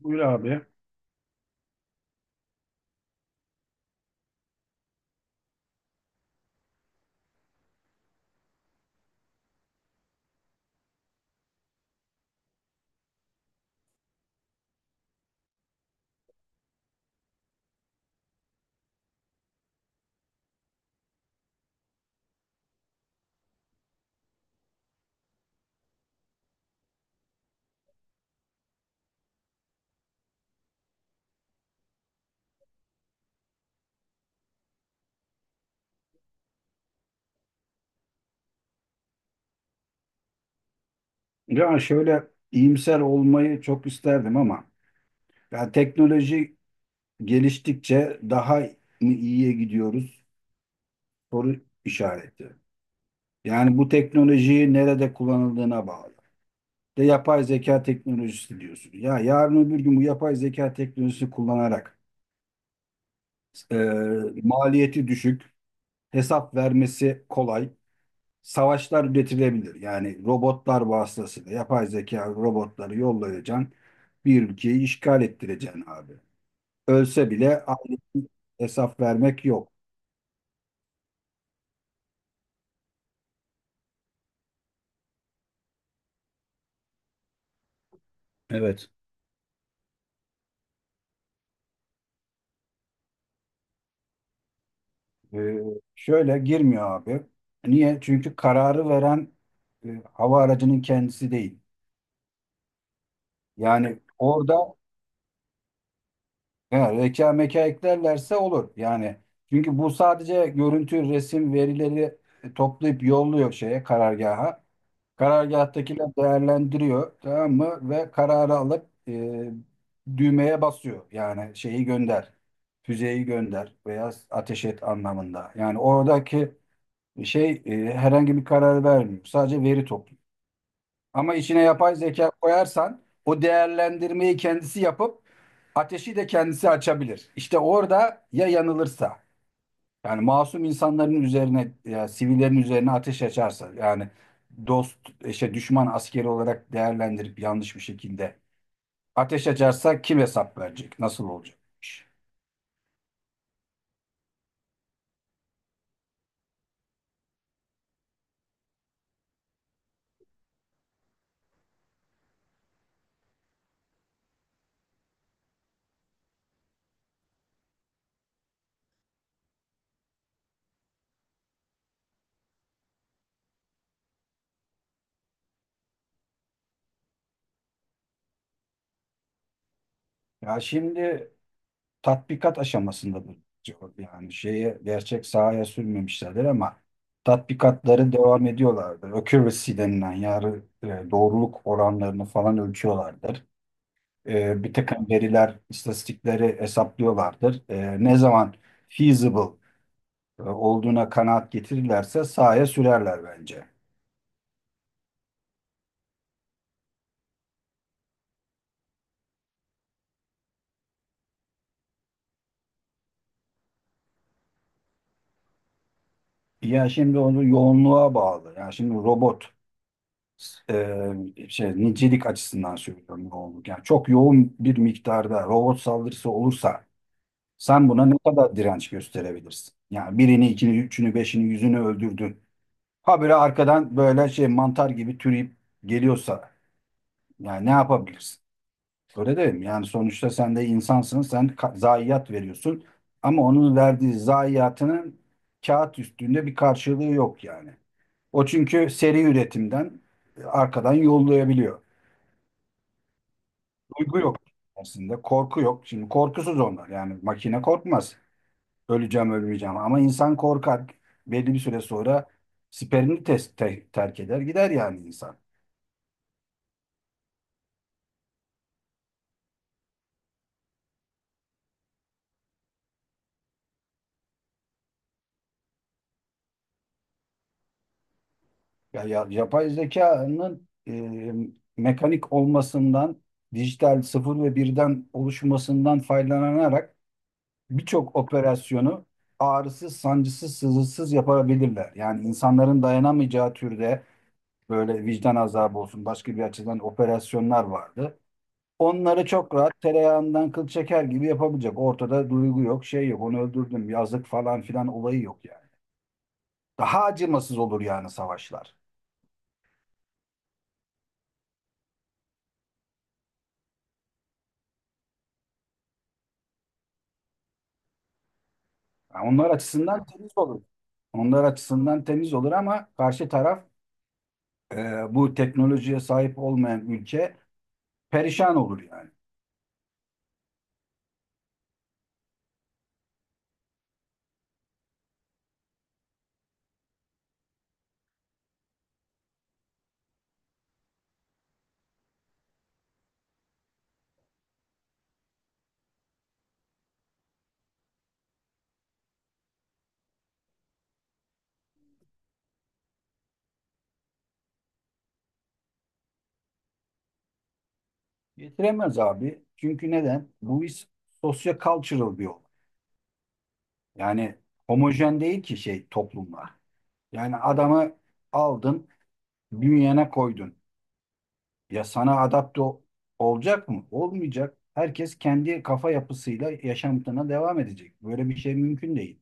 Buyur abi. Ya şöyle iyimser olmayı çok isterdim ama ya teknoloji geliştikçe daha mı iyiye gidiyoruz? Soru işareti. Yani bu teknolojiyi nerede kullanıldığına bağlı. De yapay zeka teknolojisi diyorsun. Ya yarın öbür gün bu yapay zeka teknolojisi kullanarak e, maliyeti düşük, hesap vermesi kolay, savaşlar üretilebilir. Yani robotlar vasıtasıyla yapay zeka robotları yollayacaksın. Bir ülkeyi işgal ettireceksin abi. Ölse bile ailesine hesap vermek yok. Evet. Ee, şöyle girmiyor abi. Niye? Çünkü kararı veren hava aracının kendisi değil. Yani orada he, reka meka eklerlerse olur. Yani çünkü bu sadece görüntü, resim, verileri toplayıp yolluyor şeye, karargaha. Karargâhtakiler değerlendiriyor, tamam mı? Ve kararı alıp düğmeye basıyor. Yani şeyi gönder, füzeyi gönder veya ateş et anlamında. Yani oradaki şey herhangi bir karar vermiyor. Sadece veri topluyor. Ama içine yapay zeka koyarsan o değerlendirmeyi kendisi yapıp ateşi de kendisi açabilir. İşte orada ya yanılırsa. Yani masum insanların üzerine, ya, sivillerin üzerine ateş açarsa, yani dost, işte düşman askeri olarak değerlendirip yanlış bir şekilde ateş açarsa kim hesap verecek? Nasıl olacak bu iş? Ya şimdi tatbikat aşamasında bu. Yani şeye gerçek sahaya sürmemişlerdir ama tatbikatları devam ediyorlardır. Accuracy denilen yani doğruluk oranlarını falan ölçüyorlardır. Bir takım veriler, istatistikleri hesaplıyorlardır. Ne zaman feasible olduğuna kanaat getirirlerse sahaya sürerler bence. Ya şimdi onu yoğunluğa bağlı. Yani şimdi robot şey, nicelik açısından söylüyorum, yoğunluk. Yani çok yoğun bir miktarda robot saldırısı olursa sen buna ne kadar direnç gösterebilirsin? Yani birini, ikini, üçünü, beşini, yüzünü öldürdün. Habire arkadan böyle şey mantar gibi türeyip geliyorsa yani ne yapabilirsin? Öyle değil mi? Yani sonuçta sen de insansın, sen zayiat veriyorsun. Ama onun verdiği zayiatının kağıt üstünde bir karşılığı yok yani. O çünkü seri üretimden arkadan yollayabiliyor. Duygu yok aslında, korku yok. Şimdi korkusuz onlar. Yani makine korkmaz. Öleceğim, ölmeyeceğim. Ama insan korkar. Belli bir süre sonra siperini terk eder, gider yani insan. Yapay zekanın mekanik olmasından, dijital sıfır ve birden oluşmasından faydalanarak birçok operasyonu ağrısız, sancısız, sızısız yapabilirler. Yani insanların dayanamayacağı türde böyle vicdan azabı olsun, başka bir açıdan operasyonlar vardı. Onları çok rahat tereyağından kıl çeker gibi yapabilecek. Ortada duygu yok, şey yok, onu öldürdüm, yazık falan filan olayı yok yani. Daha acımasız olur yani savaşlar. Ha, onlar açısından temiz olur. Onlar açısından temiz olur ama karşı taraf bu teknolojiye sahip olmayan ülke perişan olur yani. Getiremez abi. Çünkü neden? Bu iş sosyo-cultural bir olay. Yani homojen değil ki şey toplumlar. Yani adamı aldın, bünyene koydun. Ya sana adapte olacak mı? Olmayacak. Herkes kendi kafa yapısıyla yaşamına devam edecek. Böyle bir şey mümkün değil.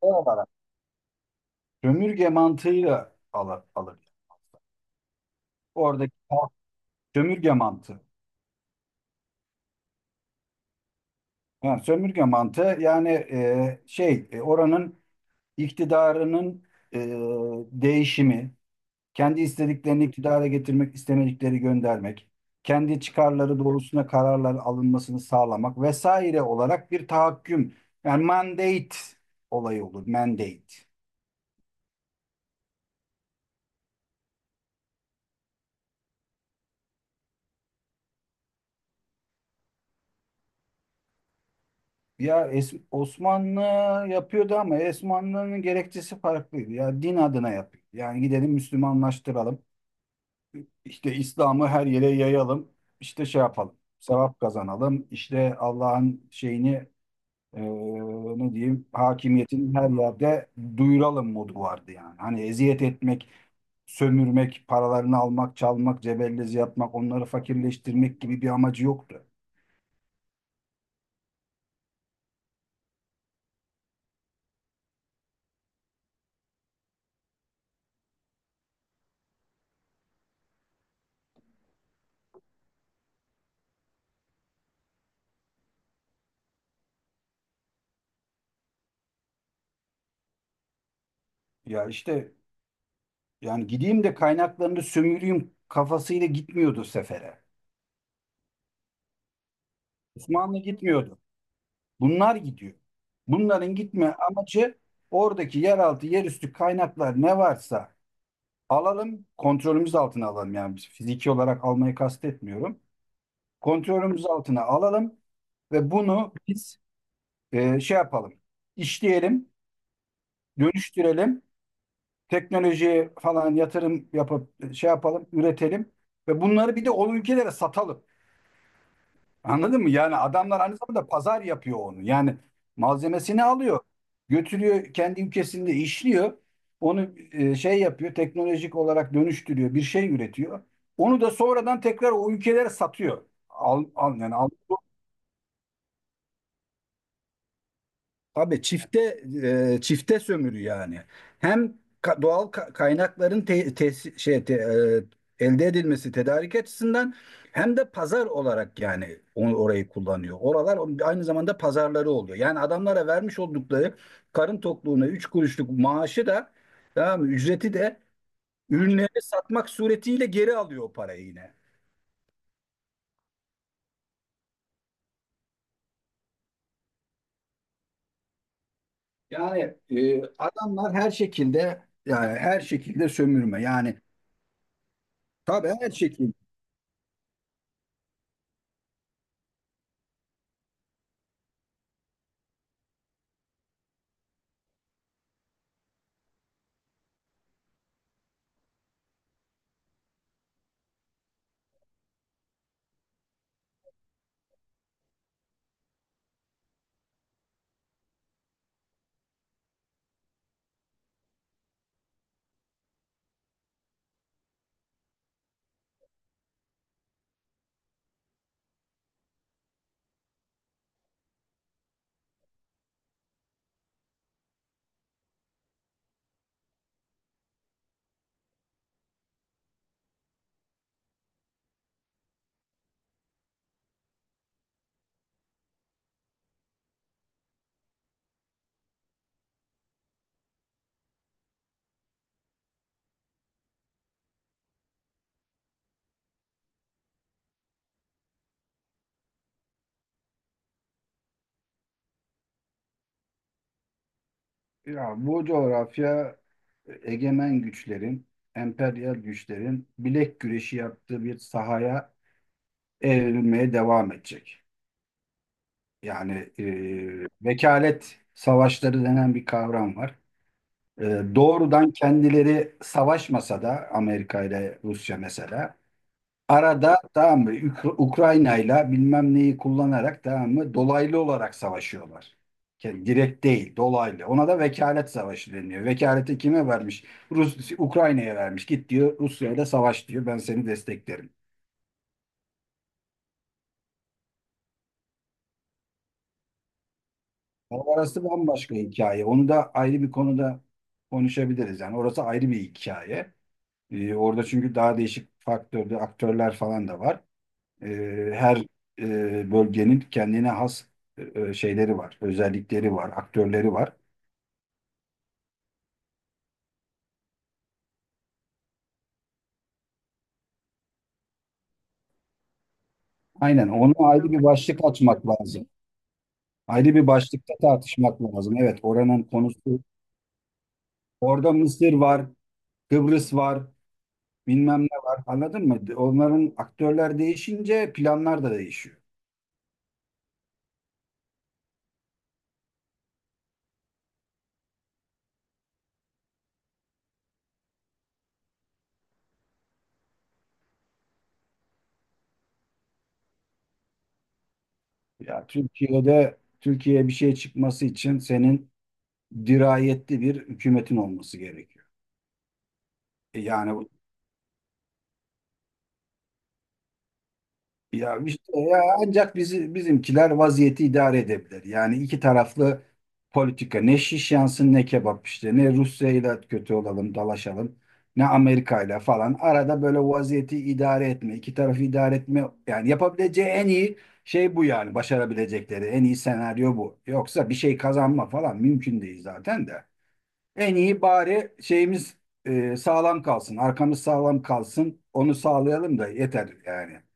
Arada- Sömürge mantığıyla alır, alır. Oradaki halk, sömürge mantığı. Yani sömürge mantığı, yani oranın iktidarının e, değişimi, kendi istediklerini iktidara getirmek, istemedikleri göndermek, kendi çıkarları doğrusuna kararlar alınmasını sağlamak vesaire olarak bir tahakküm. Yani mandate olayı olur. Mandate. Ya Osmanlı yapıyordu ama Osmanlı'nın gerekçesi farklıydı. Ya din adına yapıyor. Yani gidelim Müslümanlaştıralım. İşte İslam'ı her yere yayalım. İşte şey yapalım. Sevap kazanalım. İşte Allah'ın şeyini e, ne diyeyim, hakimiyetini her yerde duyuralım modu vardı yani. Hani eziyet etmek, sömürmek, paralarını almak, çalmak, cebellezi yapmak, onları fakirleştirmek gibi bir amacı yoktu. Ya işte, yani gideyim de kaynaklarını sömüreyim kafasıyla gitmiyordu sefere. Osmanlı gitmiyordu. Bunlar gidiyor. Bunların gitme amacı, oradaki yeraltı, yerüstü kaynaklar ne varsa alalım, kontrolümüz altına alalım. Yani biz fiziki olarak almayı kastetmiyorum. Kontrolümüz altına alalım ve bunu biz şey yapalım, işleyelim, dönüştürelim, teknolojiye falan yatırım yapıp şey yapalım, üretelim ve bunları bir de o ülkelere satalım. Anladın mı? Yani adamlar aynı zamanda pazar yapıyor onu. Yani malzemesini alıyor, götürüyor, kendi ülkesinde işliyor. Onu şey yapıyor, teknolojik olarak dönüştürüyor, bir şey üretiyor. Onu da sonradan tekrar o ülkelere satıyor. Al, al yani al. Abi çifte çifte sömürü yani. Hem doğal kaynakların elde edilmesi, tedarik açısından, hem de pazar olarak, yani onu, orayı kullanıyor. Oralar aynı zamanda pazarları oluyor. Yani adamlara vermiş oldukları karın tokluğuna 3 kuruşluk maaşı da, tamam mı, ücreti de ürünleri satmak suretiyle geri alıyor o parayı yine. Yani adamlar her şekilde, yani her şekilde sömürme. Yani tabii her şekilde. Ya bu coğrafya egemen güçlerin, emperyal güçlerin bilek güreşi yaptığı bir sahaya evrilmeye devam edecek. Yani vekalet savaşları denen bir kavram var. E, doğrudan kendileri savaşmasa da Amerika ile Rusya mesela arada, tamam mı, Ukrayna'yla bilmem neyi kullanarak, tamam mı, dolaylı olarak savaşıyorlar. Yani direkt değil, dolaylı. Ona da vekalet savaşı deniyor. Vekaleti kime vermiş? Rus Ukrayna'ya vermiş. Git diyor, Rusya'yla savaş diyor. Ben seni desteklerim. Ama orası bambaşka hikaye. Onu da ayrı bir konuda konuşabiliriz. Yani orası ayrı bir hikaye. Orada çünkü daha değişik faktörde aktörler falan da var. E, her bölgenin kendine has şeyleri var, özellikleri var, aktörleri var. Aynen, onu ayrı bir başlık açmak lazım. Ayrı bir başlıkta tartışmak lazım. Evet, oranın konusu. Orada Mısır var, Kıbrıs var, bilmem ne var. Anladın mı? Onların aktörler değişince planlar da değişiyor. Ya Türkiye'ye bir şey çıkması için senin dirayetli bir hükümetin olması gerekiyor. Yani, ya işte, ya ancak bizi bizimkiler vaziyeti idare edebilir. Yani iki taraflı politika, ne şiş yansın ne kebap, işte ne Rusya ile kötü olalım, dalaşalım, ne Amerika ile falan, arada böyle vaziyeti idare etme, iki tarafı idare etme, yani yapabileceği en iyi şey bu, yani başarabilecekleri en iyi senaryo bu. Yoksa bir şey kazanma falan mümkün değil zaten de. En iyi bari şeyimiz sağlam kalsın, arkamız sağlam kalsın, onu sağlayalım da yeter yani.